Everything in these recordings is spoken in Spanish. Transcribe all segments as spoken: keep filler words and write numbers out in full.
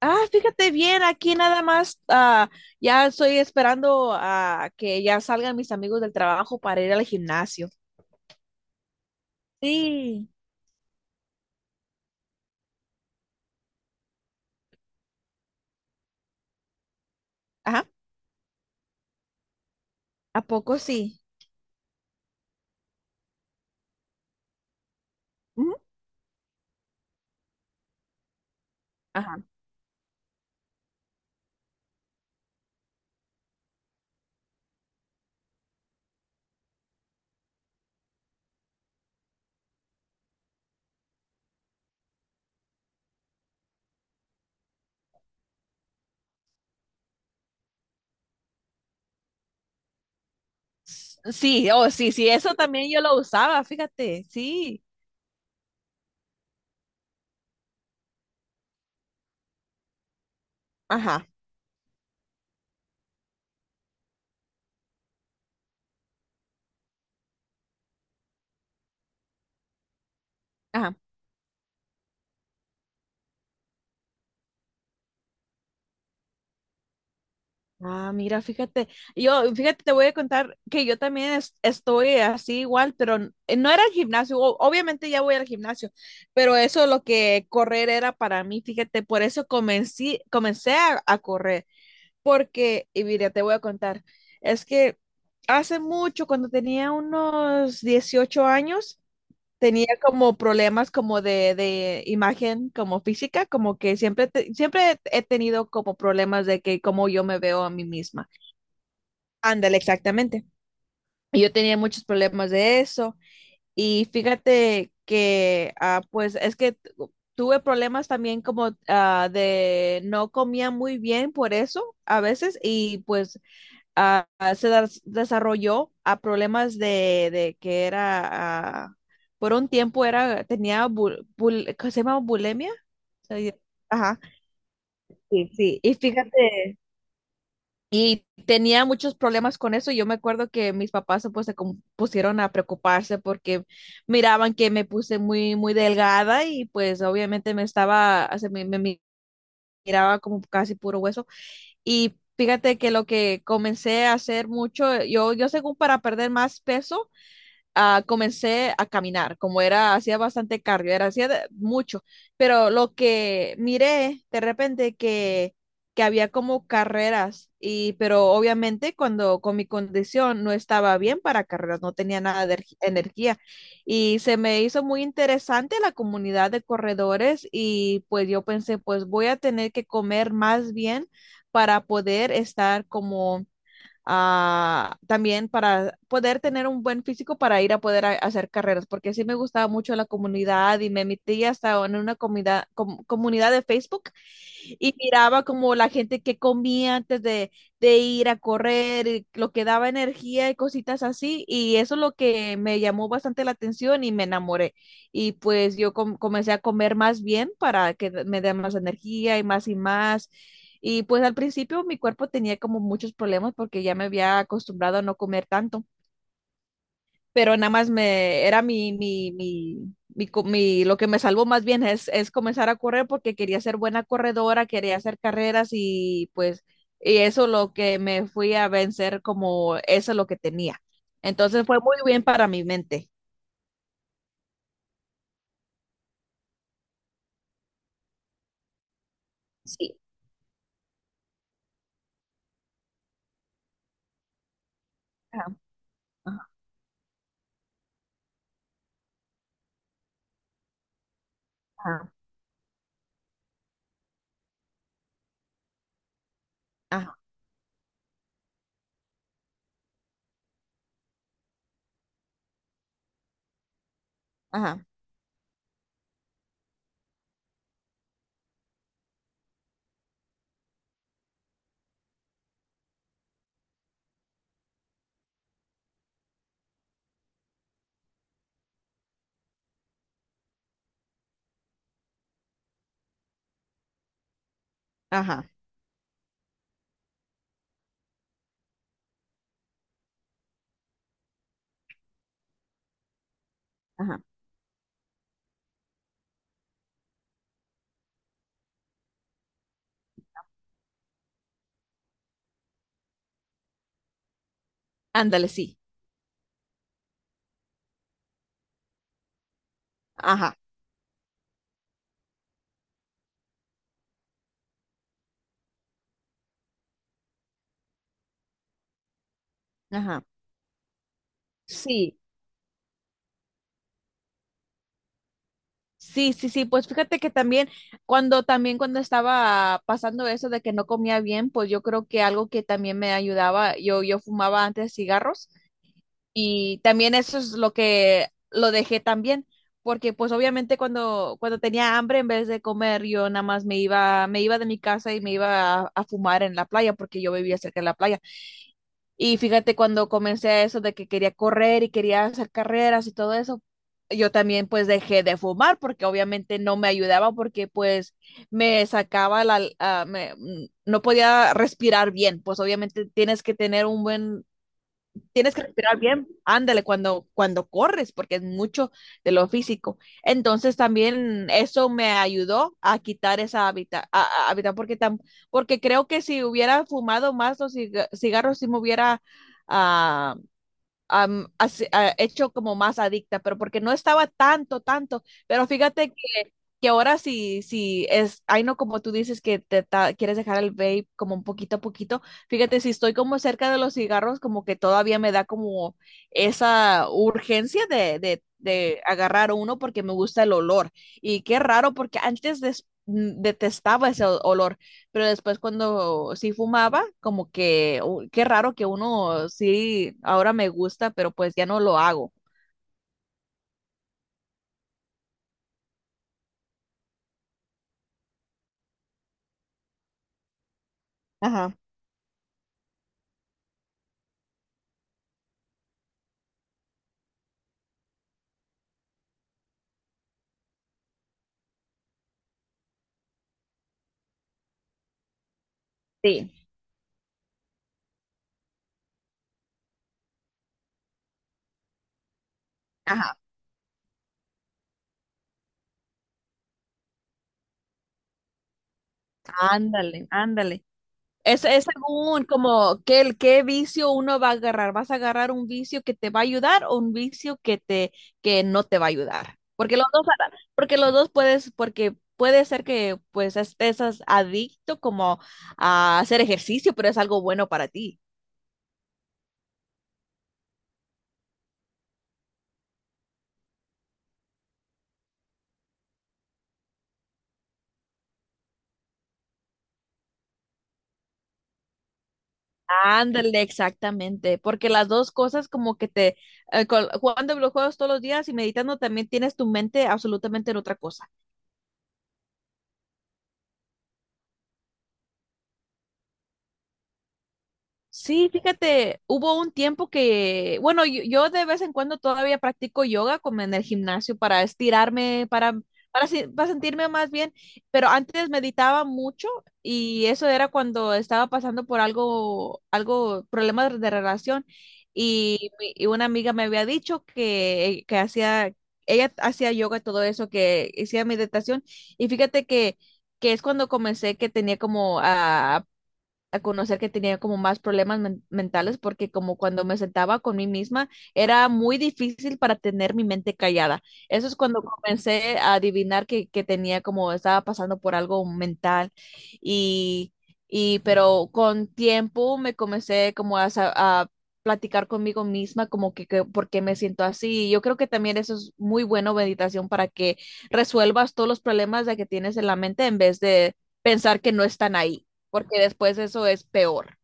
Ah, fíjate bien, aquí nada más, ah, ya estoy esperando a que ya salgan mis amigos del trabajo para ir al gimnasio. Sí. Ajá, ¿a poco sí? Ujú. Ajá. S- Sí, oh, sí, sí, eso también yo lo usaba, fíjate, sí. Ajá, ajá. Ah, mira, fíjate, yo, fíjate, te voy a contar que yo también es- estoy así igual, pero n- eh, no era el gimnasio, o- obviamente ya voy al gimnasio, pero eso lo que correr era para mí, fíjate, por eso comencé, comencé a, a correr, porque, y mira, te voy a contar, es que hace mucho, cuando tenía unos dieciocho años, tenía como problemas como de, de imagen, como física, como que siempre, te- siempre he tenido como problemas de que como yo me veo a mí misma. Ándale, exactamente. Y yo tenía muchos problemas de eso y fíjate que, ah, pues es que tu- tuve problemas también como ah, de no comía muy bien por eso a veces y pues ah, ah, se des- desarrolló a problemas de, de que era, ah, por un tiempo era, tenía, bul, bul- ¿cómo se llama? Bulimia. Soy- Ajá, sí, sí. Y fíjate. Y tenía muchos problemas con eso. Yo me acuerdo que mis papás pues, se com- pusieron a preocuparse porque miraban que me puse muy, muy delgada y pues obviamente me estaba, o sea, me, me mi- miraba como casi puro hueso. Y fíjate que lo que comencé a hacer mucho, yo, yo según para perder más peso, ah, comencé a caminar, como era, hacía bastante cardio, era, hacía de- mucho, pero lo que miré de repente que, que había como carreras, y, pero obviamente cuando con mi condición no estaba bien para carreras, no tenía nada de ergi- energía, y se me hizo muy interesante la comunidad de corredores, y pues yo pensé, pues voy a tener que comer más bien para poder estar como ah, también para poder tener un buen físico para ir a poder a- hacer carreras, porque sí me gustaba mucho la comunidad y me metí hasta en una comida- com- comunidad de Facebook y miraba como la gente que comía antes de, de ir a correr, y lo que daba energía y cositas así, y eso es lo que me llamó bastante la atención y me enamoré. Y pues yo com- comencé a comer más bien para que me dé más energía y más y más y pues al principio mi cuerpo tenía como muchos problemas porque ya me había acostumbrado a no comer tanto, pero nada más me era mi, mi, mi, mi, co- mi- lo que me salvó más bien es, es comenzar a correr porque quería ser buena corredora, quería hacer carreras y pues y eso lo que me fui a vencer como eso es lo que tenía. Entonces fue muy bien para mi mente. Sí. Ajá, ajá, ajá, ajá, ajá, ajá. Ándale, sí. Ajá, ajá. Sí. Sí, sí, sí, pues fíjate que también cuando también cuando estaba pasando eso de que no comía bien, pues yo creo que algo que también me ayudaba, yo yo fumaba antes cigarros y también eso es lo que lo dejé también, porque pues obviamente cuando, cuando tenía hambre, en vez de comer, yo nada más me iba, me iba de mi casa y me iba a, a fumar en la playa, porque yo vivía cerca de la playa. Y fíjate, cuando comencé a eso de que quería correr y quería hacer carreras y todo eso, yo también pues dejé de fumar porque obviamente no me ayudaba porque pues me sacaba la, ah, me- mm, no podía respirar bien, pues obviamente tienes que tener un buen tienes que respirar bien, ándale cuando, cuando corres, porque es mucho de lo físico. Entonces también eso me ayudó a quitar esa hábitat, a- a- hábitat, porque, tam, porque creo que si hubiera fumado más los ciga- cigarros, sí me hubiera ah, am, así- ah, hecho como más adicta, pero porque no estaba tanto, tanto. Pero fíjate que, que ahora sí, sí es, ay no, como tú dices que te ta- quieres dejar el vape como un poquito a poquito. Fíjate, si estoy como cerca de los cigarros, como que todavía me da como esa urgencia de, de, de agarrar uno porque me gusta el olor. Y qué raro, porque antes des- mm, detestaba ese o- olor, pero después cuando sí fumaba, como que, "Uy, qué raro que uno sí, ahora me gusta, pero pues ya no lo hago". Ajá. Sí. Ajá, ándale, ándale. Es, es según como qué, el- qué vicio uno va a agarrar. ¿Vas a agarrar un vicio que te va a ayudar o un vicio que te que no te va a ayudar? Porque los dos, porque los dos puedes, porque puede ser que pues estés as- adicto como a hacer ejercicio, pero es algo bueno para ti. Ándale, exactamente, porque las dos cosas como que te, eh, col- jugando videojuegos todos los días y meditando también tienes tu mente absolutamente en otra cosa. Sí, fíjate, hubo un tiempo que, bueno, yo, yo de vez en cuando todavía practico yoga como en el gimnasio para estirarme, para, para, se- para sentirme más bien, pero antes meditaba mucho y eso era cuando estaba pasando por algo, algo, problemas de relación y, mi- y una amiga me había dicho que, que hacía, ella hacía yoga, todo eso, que hacía meditación y fíjate que, que es cuando comencé que tenía como a conocer que tenía como más problemas men- mentales porque como cuando me sentaba con mí misma era muy difícil para tener mi mente callada. Eso es cuando comencé a adivinar que, que tenía como estaba pasando por algo mental y, y pero con tiempo me comencé como a, sa- a platicar conmigo misma como que, que por qué me siento así. Yo creo que también eso es muy bueno meditación para que resuelvas todos los problemas de que tienes en la mente en vez de pensar que no están ahí porque después eso es peor.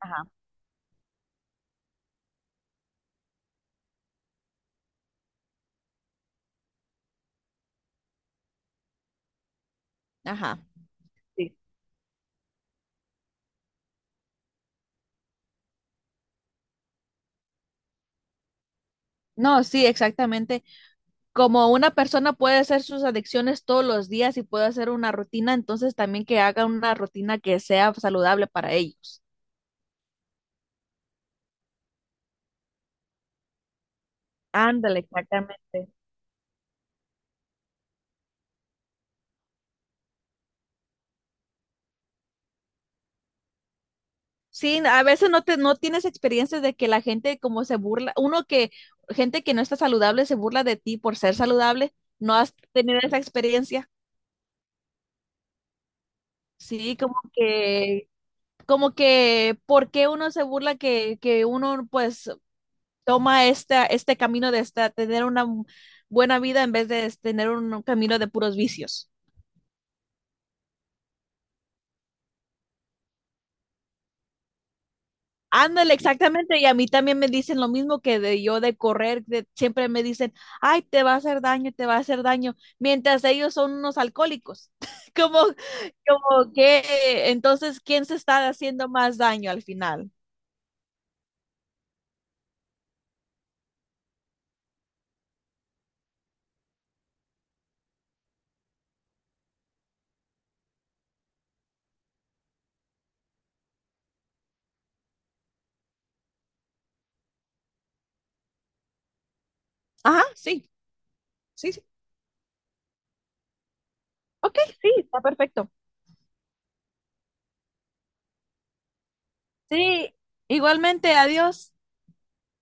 Ajá. Ajá. Sí. No, sí, exactamente. Como una persona puede hacer sus adicciones todos los días y puede hacer una rutina, entonces también que haga una rutina que sea saludable para ellos. Ándale, exactamente. Sí, a veces no te, no tienes experiencias de que la gente como se burla, uno que, gente que no está saludable se burla de ti por ser saludable, ¿no has tenido esa experiencia? Sí, como que, como que, ¿por qué uno se burla que, que uno pues toma esta, este camino de esta, tener una buena vida en vez de es- tener un, un camino de puros vicios. Ándale, exactamente. Y a mí también me dicen lo mismo que de yo de correr. De- siempre me dicen, ay, te va a hacer daño, te va a hacer daño. Mientras ellos son unos alcohólicos. Como, como que, entonces, ¿quién se está haciendo más daño al final? Ajá, sí, sí, sí. Ok, sí, está perfecto. Sí, igualmente, adiós.